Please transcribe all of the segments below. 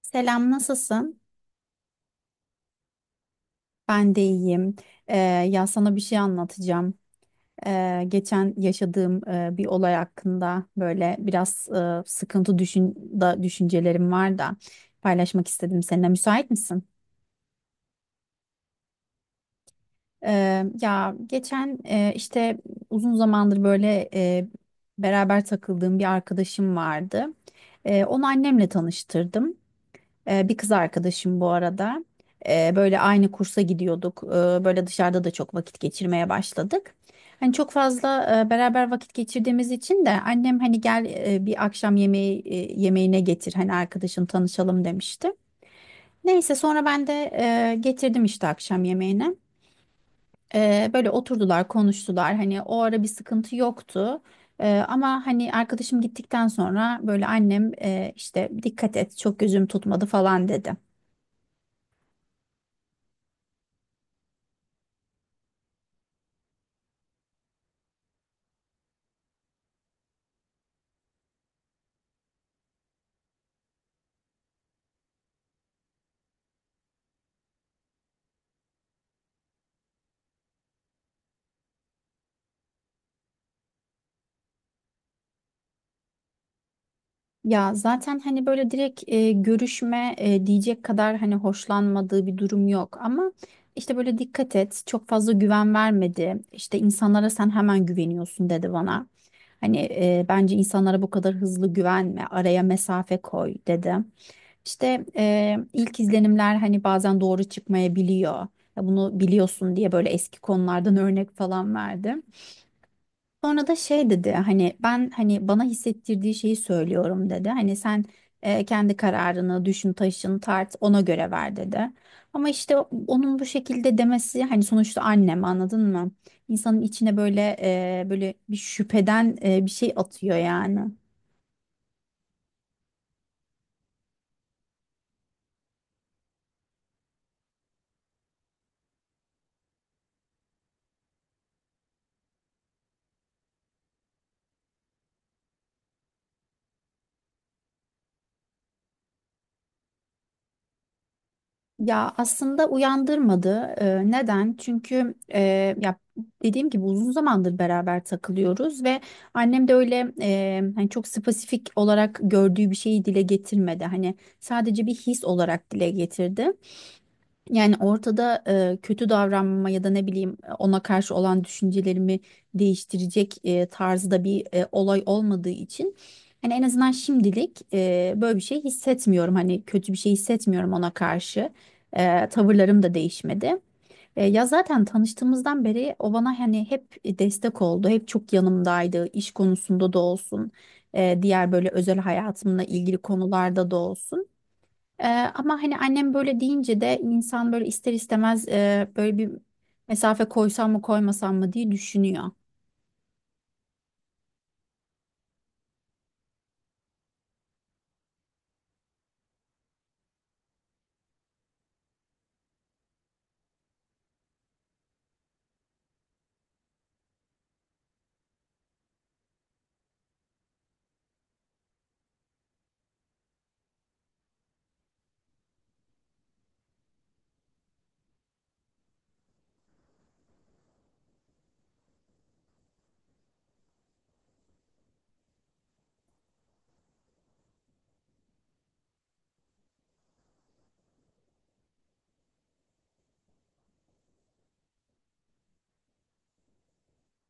Selam, nasılsın? Ben de iyiyim. Ya sana bir şey anlatacağım. Geçen yaşadığım bir olay hakkında böyle biraz sıkıntı düşün da düşüncelerim var da paylaşmak istedim seninle. Müsait misin? Ya geçen işte uzun zamandır böyle beraber takıldığım bir arkadaşım vardı. Onu annemle tanıştırdım. Bir kız arkadaşım bu arada. Böyle aynı kursa gidiyorduk. Böyle dışarıda da çok vakit geçirmeye başladık. Hani çok fazla beraber vakit geçirdiğimiz için de annem hani gel bir akşam yemeği yemeğine getir hani arkadaşın tanışalım demişti. Neyse sonra ben de getirdim işte akşam yemeğine. Böyle oturdular, konuştular. Hani o ara bir sıkıntı yoktu. Ama hani arkadaşım gittikten sonra böyle annem işte dikkat et çok gözüm tutmadı falan dedi. Ya zaten hani böyle direkt görüşme diyecek kadar hani hoşlanmadığı bir durum yok ama işte böyle dikkat et çok fazla güven vermedi işte insanlara sen hemen güveniyorsun dedi bana hani bence insanlara bu kadar hızlı güvenme araya mesafe koy dedi işte ilk izlenimler hani bazen doğru çıkmayabiliyor. Ya bunu biliyorsun diye böyle eski konulardan örnek falan verdi. Sonra da şey dedi hani ben hani bana hissettirdiği şeyi söylüyorum dedi. Hani sen kendi kararını düşün taşın tart ona göre ver dedi. Ama işte onun bu şekilde demesi hani sonuçta annem anladın mı? İnsanın içine böyle böyle bir şüpheden bir şey atıyor yani. Ya aslında uyandırmadı. Neden? Çünkü ya dediğim gibi uzun zamandır beraber takılıyoruz ve annem de öyle hani çok spesifik olarak gördüğü bir şeyi dile getirmedi. Hani sadece bir his olarak dile getirdi. Yani ortada kötü davranma ya da ne bileyim ona karşı olan düşüncelerimi değiştirecek tarzda bir olay olmadığı için hani en azından şimdilik böyle bir şey hissetmiyorum. Hani kötü bir şey hissetmiyorum ona karşı. Tavırlarım da değişmedi. Ya zaten tanıştığımızdan beri o bana hani hep destek oldu. Hep çok yanımdaydı. İş konusunda da olsun, diğer böyle özel hayatımla ilgili konularda da olsun. Ee, Ama hani annem böyle deyince de insan böyle ister istemez böyle bir mesafe koysam mı koymasam mı diye düşünüyor.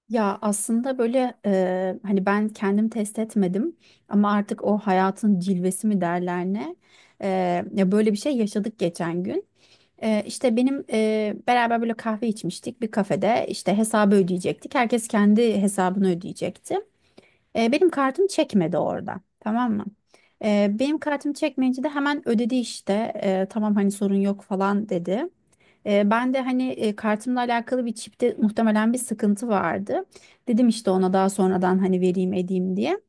Ya aslında böyle hani ben kendim test etmedim ama artık o hayatın cilvesi mi derler ne? E, Ya böyle bir şey yaşadık geçen gün. İşte benim beraber böyle kahve içmiştik bir kafede. İşte hesabı ödeyecektik. Herkes kendi hesabını ödeyecekti. Benim kartım çekmedi orada. Tamam mı? Benim kartım çekmeyince de hemen ödedi işte. Tamam hani sorun yok falan dedi. Ben de hani kartımla alakalı bir çipte muhtemelen bir sıkıntı vardı. Dedim işte ona daha sonradan hani vereyim edeyim diye.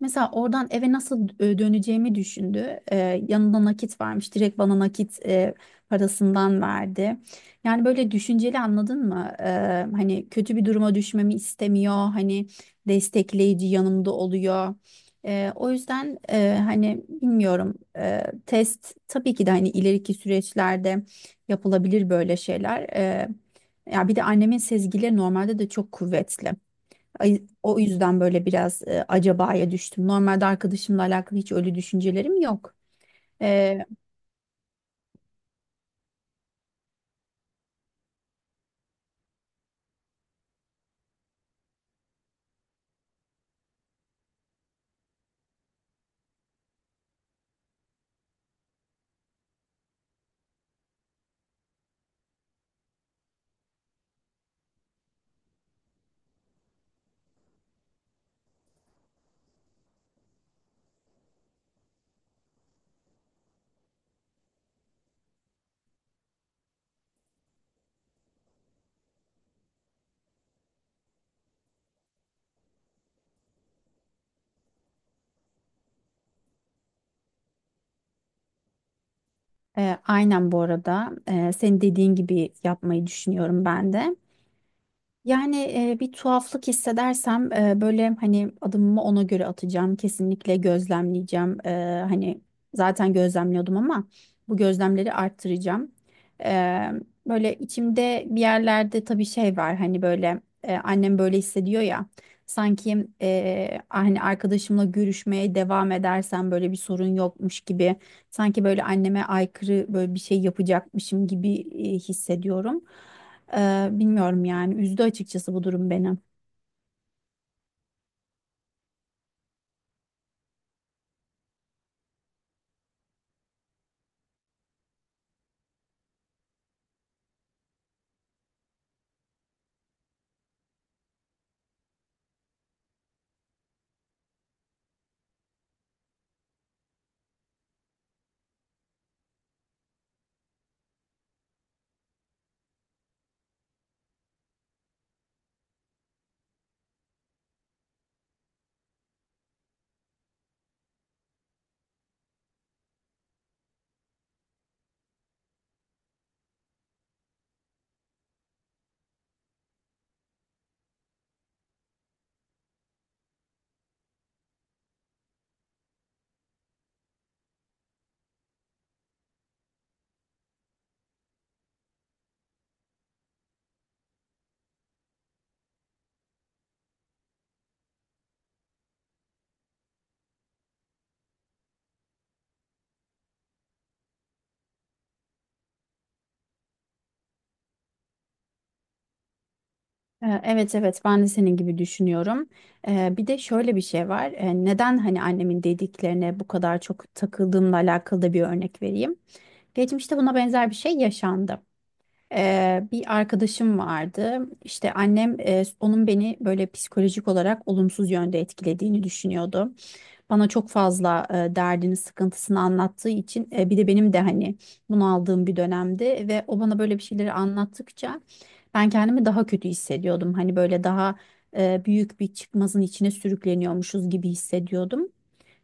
Mesela oradan eve nasıl döneceğimi düşündü. Yanında nakit varmış. Direkt bana nakit parasından verdi. Yani böyle düşünceli anladın mı? Hani kötü bir duruma düşmemi istemiyor. Hani destekleyici yanımda oluyor. O yüzden hani bilmiyorum. Test tabii ki de hani ileriki süreçlerde yapılabilir böyle şeyler. Ya bir de annemin sezgileri normalde de çok kuvvetli. O yüzden böyle biraz acabaya düştüm. Normalde arkadaşımla alakalı hiç öyle düşüncelerim yok. E, aynen bu arada. Senin dediğin gibi yapmayı düşünüyorum ben de. Yani bir tuhaflık hissedersem böyle hani adımımı ona göre atacağım. Kesinlikle gözlemleyeceğim. Hani zaten gözlemliyordum ama bu gözlemleri arttıracağım. E, Böyle içimde bir yerlerde tabii şey var hani böyle annem böyle hissediyor ya. Sanki hani arkadaşımla görüşmeye devam edersem böyle bir sorun yokmuş gibi. Sanki böyle anneme aykırı böyle bir şey yapacakmışım gibi hissediyorum. Bilmiyorum yani üzdü açıkçası bu durum beni. Evet, evet, ben de senin gibi düşünüyorum. Bir de şöyle bir şey var. Neden hani annemin dediklerine bu kadar çok takıldığımla alakalı da bir örnek vereyim. Geçmişte buna benzer bir şey yaşandı. Bir arkadaşım vardı. İşte annem onun beni böyle psikolojik olarak olumsuz yönde etkilediğini düşünüyordu. Bana çok fazla derdini, sıkıntısını anlattığı için bir de benim de hani bunu aldığım bir dönemde ve o bana böyle bir şeyleri anlattıkça ben kendimi daha kötü hissediyordum. Hani böyle daha büyük bir çıkmazın içine sürükleniyormuşuz gibi hissediyordum.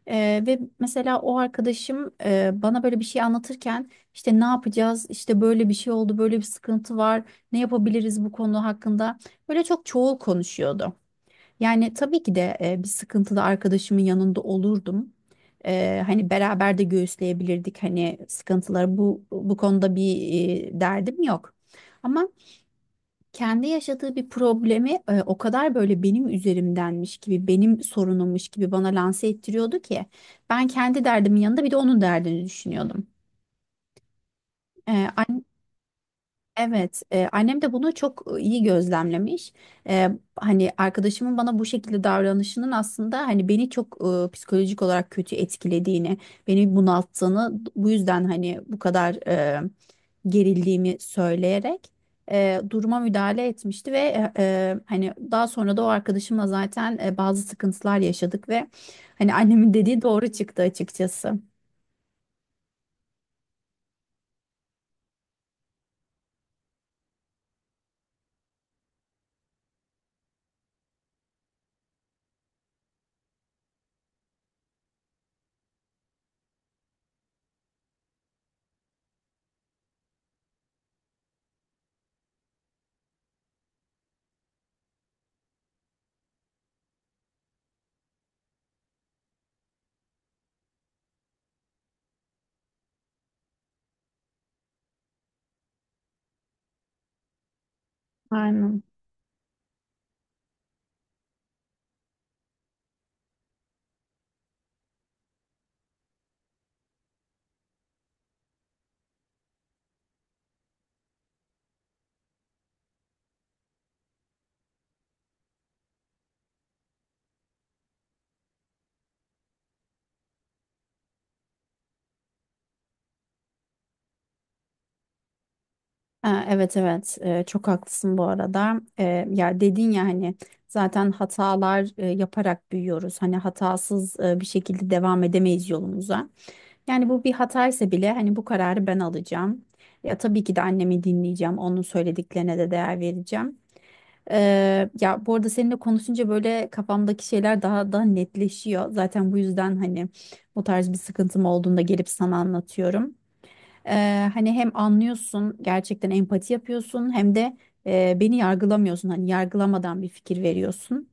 Ve mesela o arkadaşım bana böyle bir şey anlatırken işte ne yapacağız, işte böyle bir şey oldu, böyle bir sıkıntı var, ne yapabiliriz bu konu hakkında böyle çok çoğul konuşuyordu. Yani tabii ki de bir sıkıntılı arkadaşımın yanında olurdum. Hani beraber de göğüsleyebilirdik hani sıkıntıları bu konuda bir derdim yok. Ama kendi yaşadığı bir problemi o kadar böyle benim üzerimdenmiş gibi, benim sorunummuş gibi bana lanse ettiriyordu ki ben kendi derdimin yanında bir de onun derdini düşünüyordum. E, Evet, annem de bunu çok iyi gözlemlemiş. E, Hani arkadaşımın bana bu şekilde davranışının aslında hani beni çok psikolojik olarak kötü etkilediğini, beni bunalttığını, bu yüzden hani bu kadar gerildiğimi söyleyerek duruma müdahale etmişti ve hani daha sonra da o arkadaşımla zaten bazı sıkıntılar yaşadık ve hani annemin dediği doğru çıktı açıkçası. Aynen. Ha, Evet, evet. Çok haklısın bu arada. Ya dedin ya hani zaten hatalar yaparak büyüyoruz. Hani hatasız bir şekilde devam edemeyiz yolumuza. Yani bu bir hataysa bile hani bu kararı ben alacağım. Ya tabii ki de annemi dinleyeceğim. Onun söylediklerine de değer vereceğim. Ya bu arada seninle konuşunca böyle kafamdaki şeyler daha da netleşiyor. Zaten bu yüzden hani bu tarz bir sıkıntım olduğunda gelip sana anlatıyorum. Hani hem anlıyorsun gerçekten empati yapıyorsun hem de beni yargılamıyorsun hani yargılamadan bir fikir veriyorsun.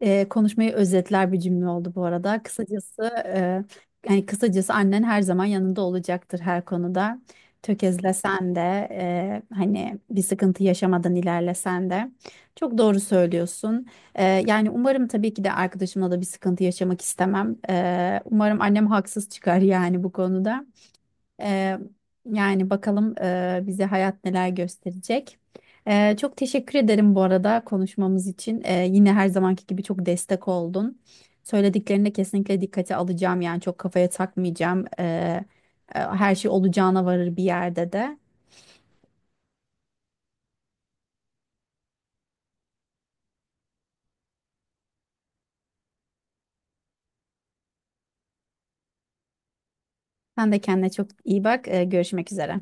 Konuşmayı özetler bir cümle oldu bu arada. Kısacası yani kısacası annen her zaman yanında olacaktır her konuda. Tökezlesen de hani bir sıkıntı yaşamadan ilerlesen de çok doğru söylüyorsun. Yani umarım tabii ki de arkadaşımla da bir sıkıntı yaşamak istemem. Umarım annem haksız çıkar yani bu konuda. Ee, Yani bakalım bize hayat neler gösterecek. Çok teşekkür ederim bu arada konuşmamız için. Yine her zamanki gibi çok destek oldun. Söylediklerini de kesinlikle dikkate alacağım. Yani çok kafaya takmayacağım. Her şey olacağına varır bir yerde de. Sen de kendine çok iyi bak. Görüşmek üzere.